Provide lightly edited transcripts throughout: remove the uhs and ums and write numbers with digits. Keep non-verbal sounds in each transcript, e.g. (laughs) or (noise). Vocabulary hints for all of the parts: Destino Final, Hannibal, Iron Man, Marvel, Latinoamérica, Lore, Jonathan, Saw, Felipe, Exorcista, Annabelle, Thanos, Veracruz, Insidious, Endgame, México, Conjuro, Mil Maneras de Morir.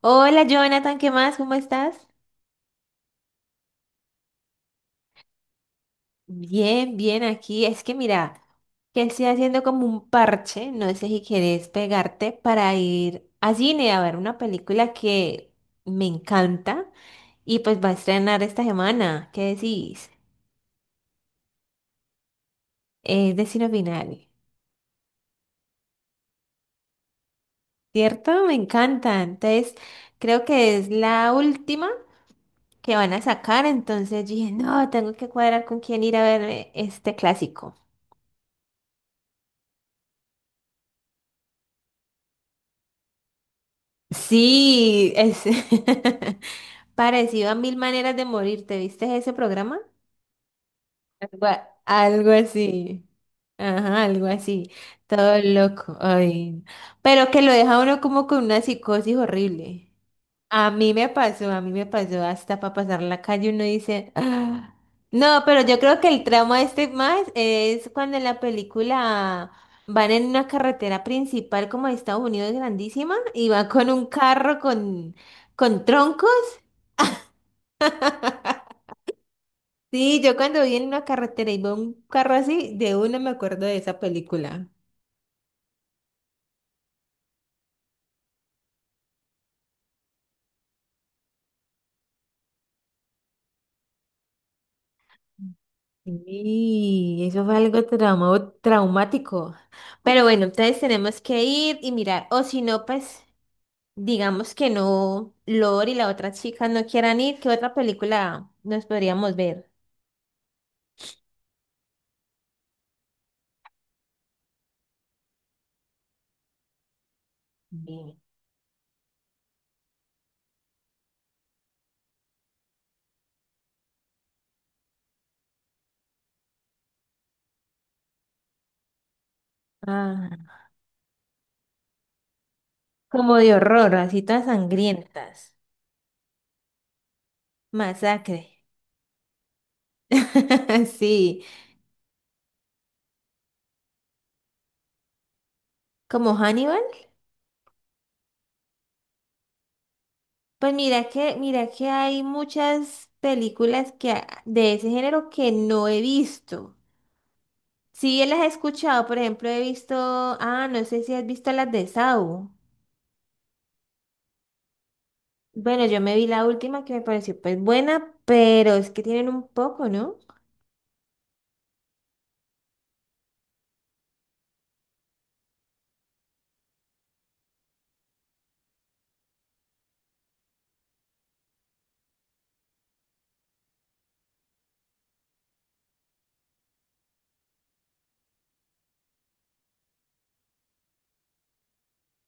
Hola Jonathan, ¿qué más? ¿Cómo estás? Bien, bien, aquí. Es que mira, que estoy haciendo como un parche, no sé si quieres pegarte para ir a cine a ver una película que me encanta y pues va a estrenar esta semana. ¿Qué decís? Es Destino Final, ¿cierto? Me encanta. Entonces, creo que es la última que van a sacar, entonces dije, no, tengo que cuadrar con quién ir a ver este clásico. Sí, es (laughs) parecido a Mil Maneras de Morir. ¿Te viste ese programa? Algo, algo así. Ajá, algo así. Todo loco. Ay. Pero que lo deja uno como con una psicosis horrible. A mí me pasó, a mí me pasó hasta para pasar la calle uno dice, "Ah". No, pero yo creo que el trauma este más es cuando en la película van en una carretera principal como de Estados Unidos grandísima y va con un carro con troncos. Sí, yo cuando vi en una carretera y veo un carro así, de una me acuerdo de esa película. Sí, eso fue algo traumático. Pero bueno, entonces tenemos que ir y mirar, o si no, pues digamos que no, Lore y la otra chica no quieran ir, ¿qué otra película nos podríamos ver? Bien. Ah, como de horror, así todas sangrientas. Masacre. (laughs) Sí, como Hannibal. Pues mira que hay muchas películas que, de ese género que no he visto. Sí, las he escuchado, por ejemplo, he visto, ah, no sé si has visto las de Saw. Bueno, yo me vi la última que me pareció pues buena, pero es que tienen un poco, ¿no?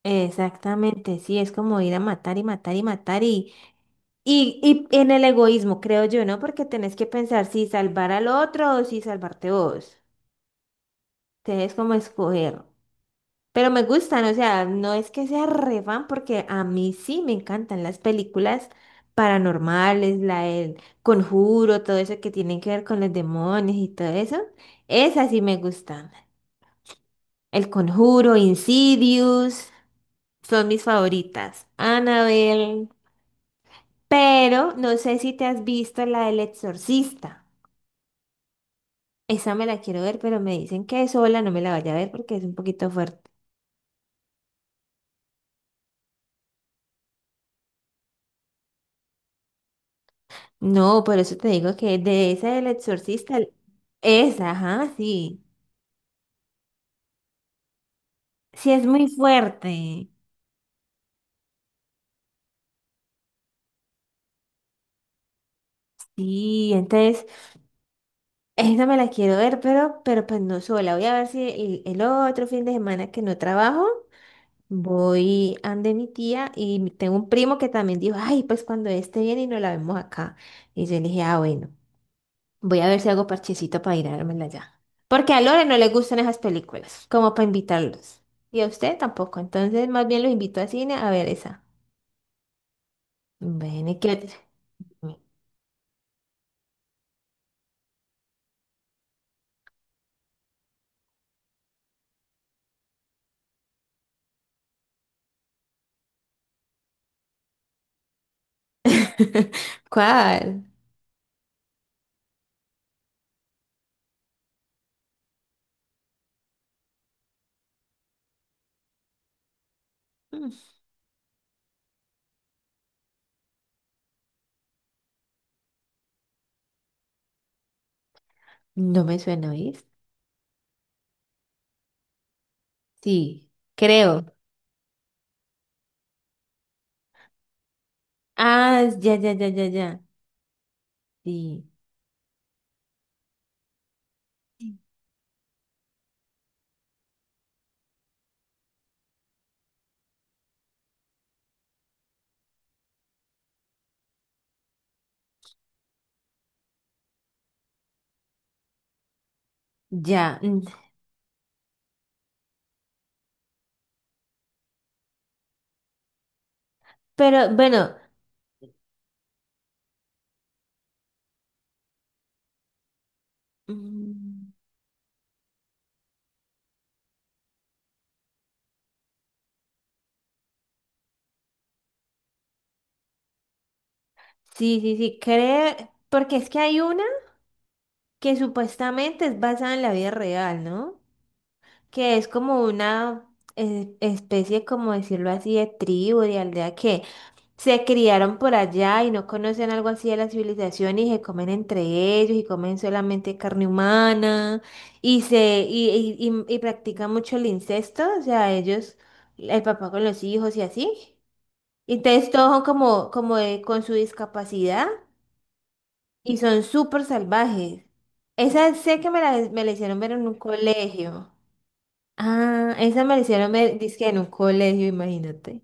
Exactamente, sí, es como ir a matar y matar y matar y en el egoísmo, creo yo, ¿no? Porque tenés que pensar si salvar al otro o si salvarte vos. Tenés como escoger. Pero me gustan, o sea, no es que sea re fan porque a mí sí me encantan las películas paranormales, la del Conjuro, todo eso que tienen que ver con los demonios y todo eso. Esas sí me gustan. El Conjuro, Insidious, son mis favoritas. Annabelle. Pero no sé si te has visto la del Exorcista. Esa me la quiero ver, pero me dicen que sola no me la vaya a ver porque es un poquito fuerte. No, por eso te digo que de esa del Exorcista, esa, ajá, sí. Sí, es muy fuerte. Sí, entonces, esa me la quiero ver, pero pues no sola. Voy a ver si el, el otro fin de semana que no trabajo, voy ande mi tía y tengo un primo que también dijo, ay, pues cuando esté bien y nos la vemos acá. Y yo le dije, ah, bueno. Voy a ver si hago parchecito para ir a dármela ya. Porque a Lore no le gustan esas películas, como para invitarlos. Y a usted tampoco, entonces más bien los invito a cine a ver esa. Bueno, ¿y qué otra? (laughs) ¿Cuál? Mm. No me suena, ¿oís? Sí, creo. Ah, ya, ya, ya, ya, ya. Sí, ya. Mm. Pero bueno, mm, sí, sí, sí, creo, porque es que hay una que supuestamente es basada en la vida real, ¿no? Que es como una especie, como decirlo así, de tribu, de aldea que se criaron por allá y no conocen algo así de la civilización y se comen entre ellos y comen solamente carne humana y se y practican mucho el incesto, o sea, ellos, el papá con los hijos y así. Y entonces todos son como, con su discapacidad y son súper salvajes. Esa sé que me la hicieron ver en un colegio. Ah, esa me la hicieron, me dizque en un colegio, imagínate.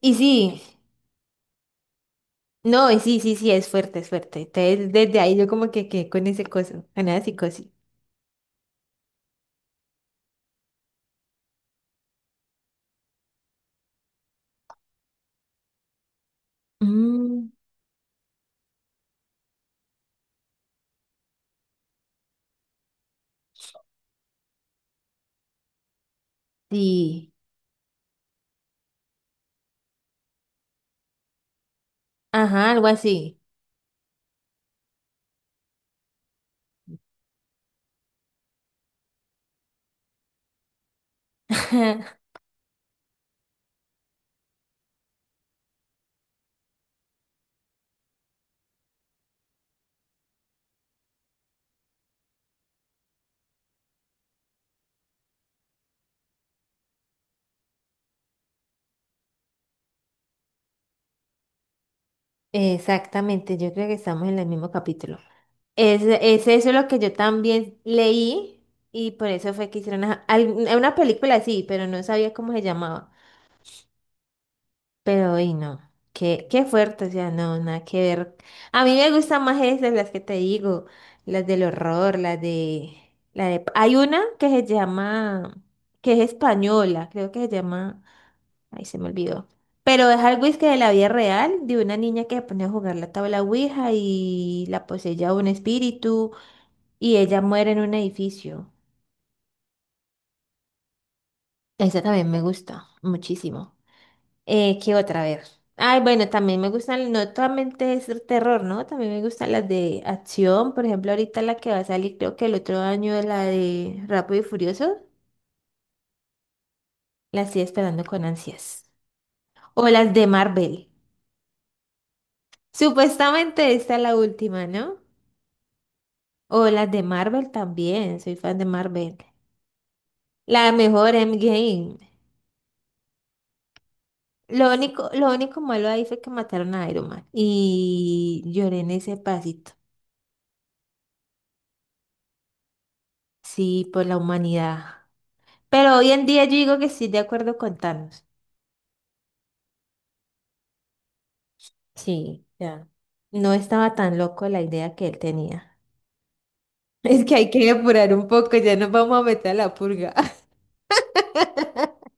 Y sí, no, y sí, sí, sí, es fuerte, es fuerte. Entonces, desde ahí yo como que quedé con ese coso, con esa psicosis. Mm, sí, ajá, algo así. (laughs) Exactamente, yo creo que estamos en el mismo capítulo. Es eso lo que yo también leí y por eso fue que hicieron ajá, una película así, pero no sabía cómo se llamaba. Pero hoy no, qué, qué fuerte, o sea, no, nada que ver. A mí me gustan más esas, las que te digo, las del horror, las de, la de... Hay una que se llama, que es española, creo que se llama, ay, se me olvidó. Pero es algo es que de la vida real, de una niña que se pone a jugar la tabla Ouija y la poseía un espíritu y ella muere en un edificio. Esa también me gusta muchísimo. ¿Qué otra vez? Ay, bueno, también me gustan, no solamente es terror, ¿no? También me gustan las de acción. Por ejemplo, ahorita la que va a salir, creo que el otro año la de Rápido y Furioso. La estoy esperando con ansias. O las de Marvel. Supuestamente esta es la última, ¿no? O las de Marvel también. Soy fan de Marvel. La mejor Endgame. Lo único malo ahí fue que mataron a Iron Man. Y lloré en ese pasito. Sí, por la humanidad. Pero hoy en día yo digo que sí, de acuerdo con Thanos. Sí, ya. No estaba tan loco la idea que él tenía. (laughs) Es que hay que apurar un poco, ya nos vamos a meter a la purga. (laughs)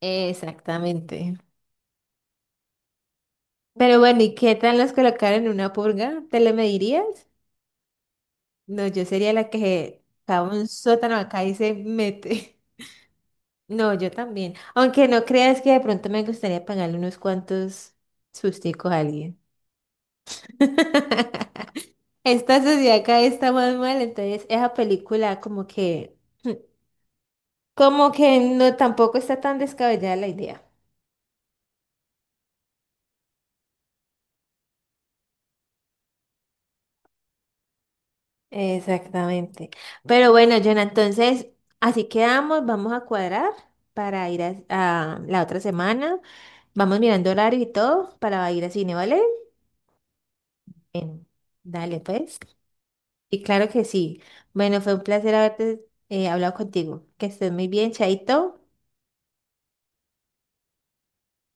Exactamente. Pero bueno, ¿y qué tal nos colocaron en una purga? ¿Te le medirías? No, yo sería la que cava un sótano acá y se mete. (laughs) No, yo también. Aunque no creas que de pronto me gustaría pagarle unos cuantos susticos a alguien. (laughs) Esta sociedad acá está más mal, entonces esa película como que, (clears throat) como que no tampoco está tan descabellada la idea. Exactamente. Pero bueno, Jonah, entonces así quedamos, vamos a cuadrar para ir a la otra semana. Vamos mirando horario y todo para ir al cine, ¿vale? Em, Dale, pues. Y claro que sí. Bueno, fue un placer haberte hablado contigo. Que estés muy bien, Chaito.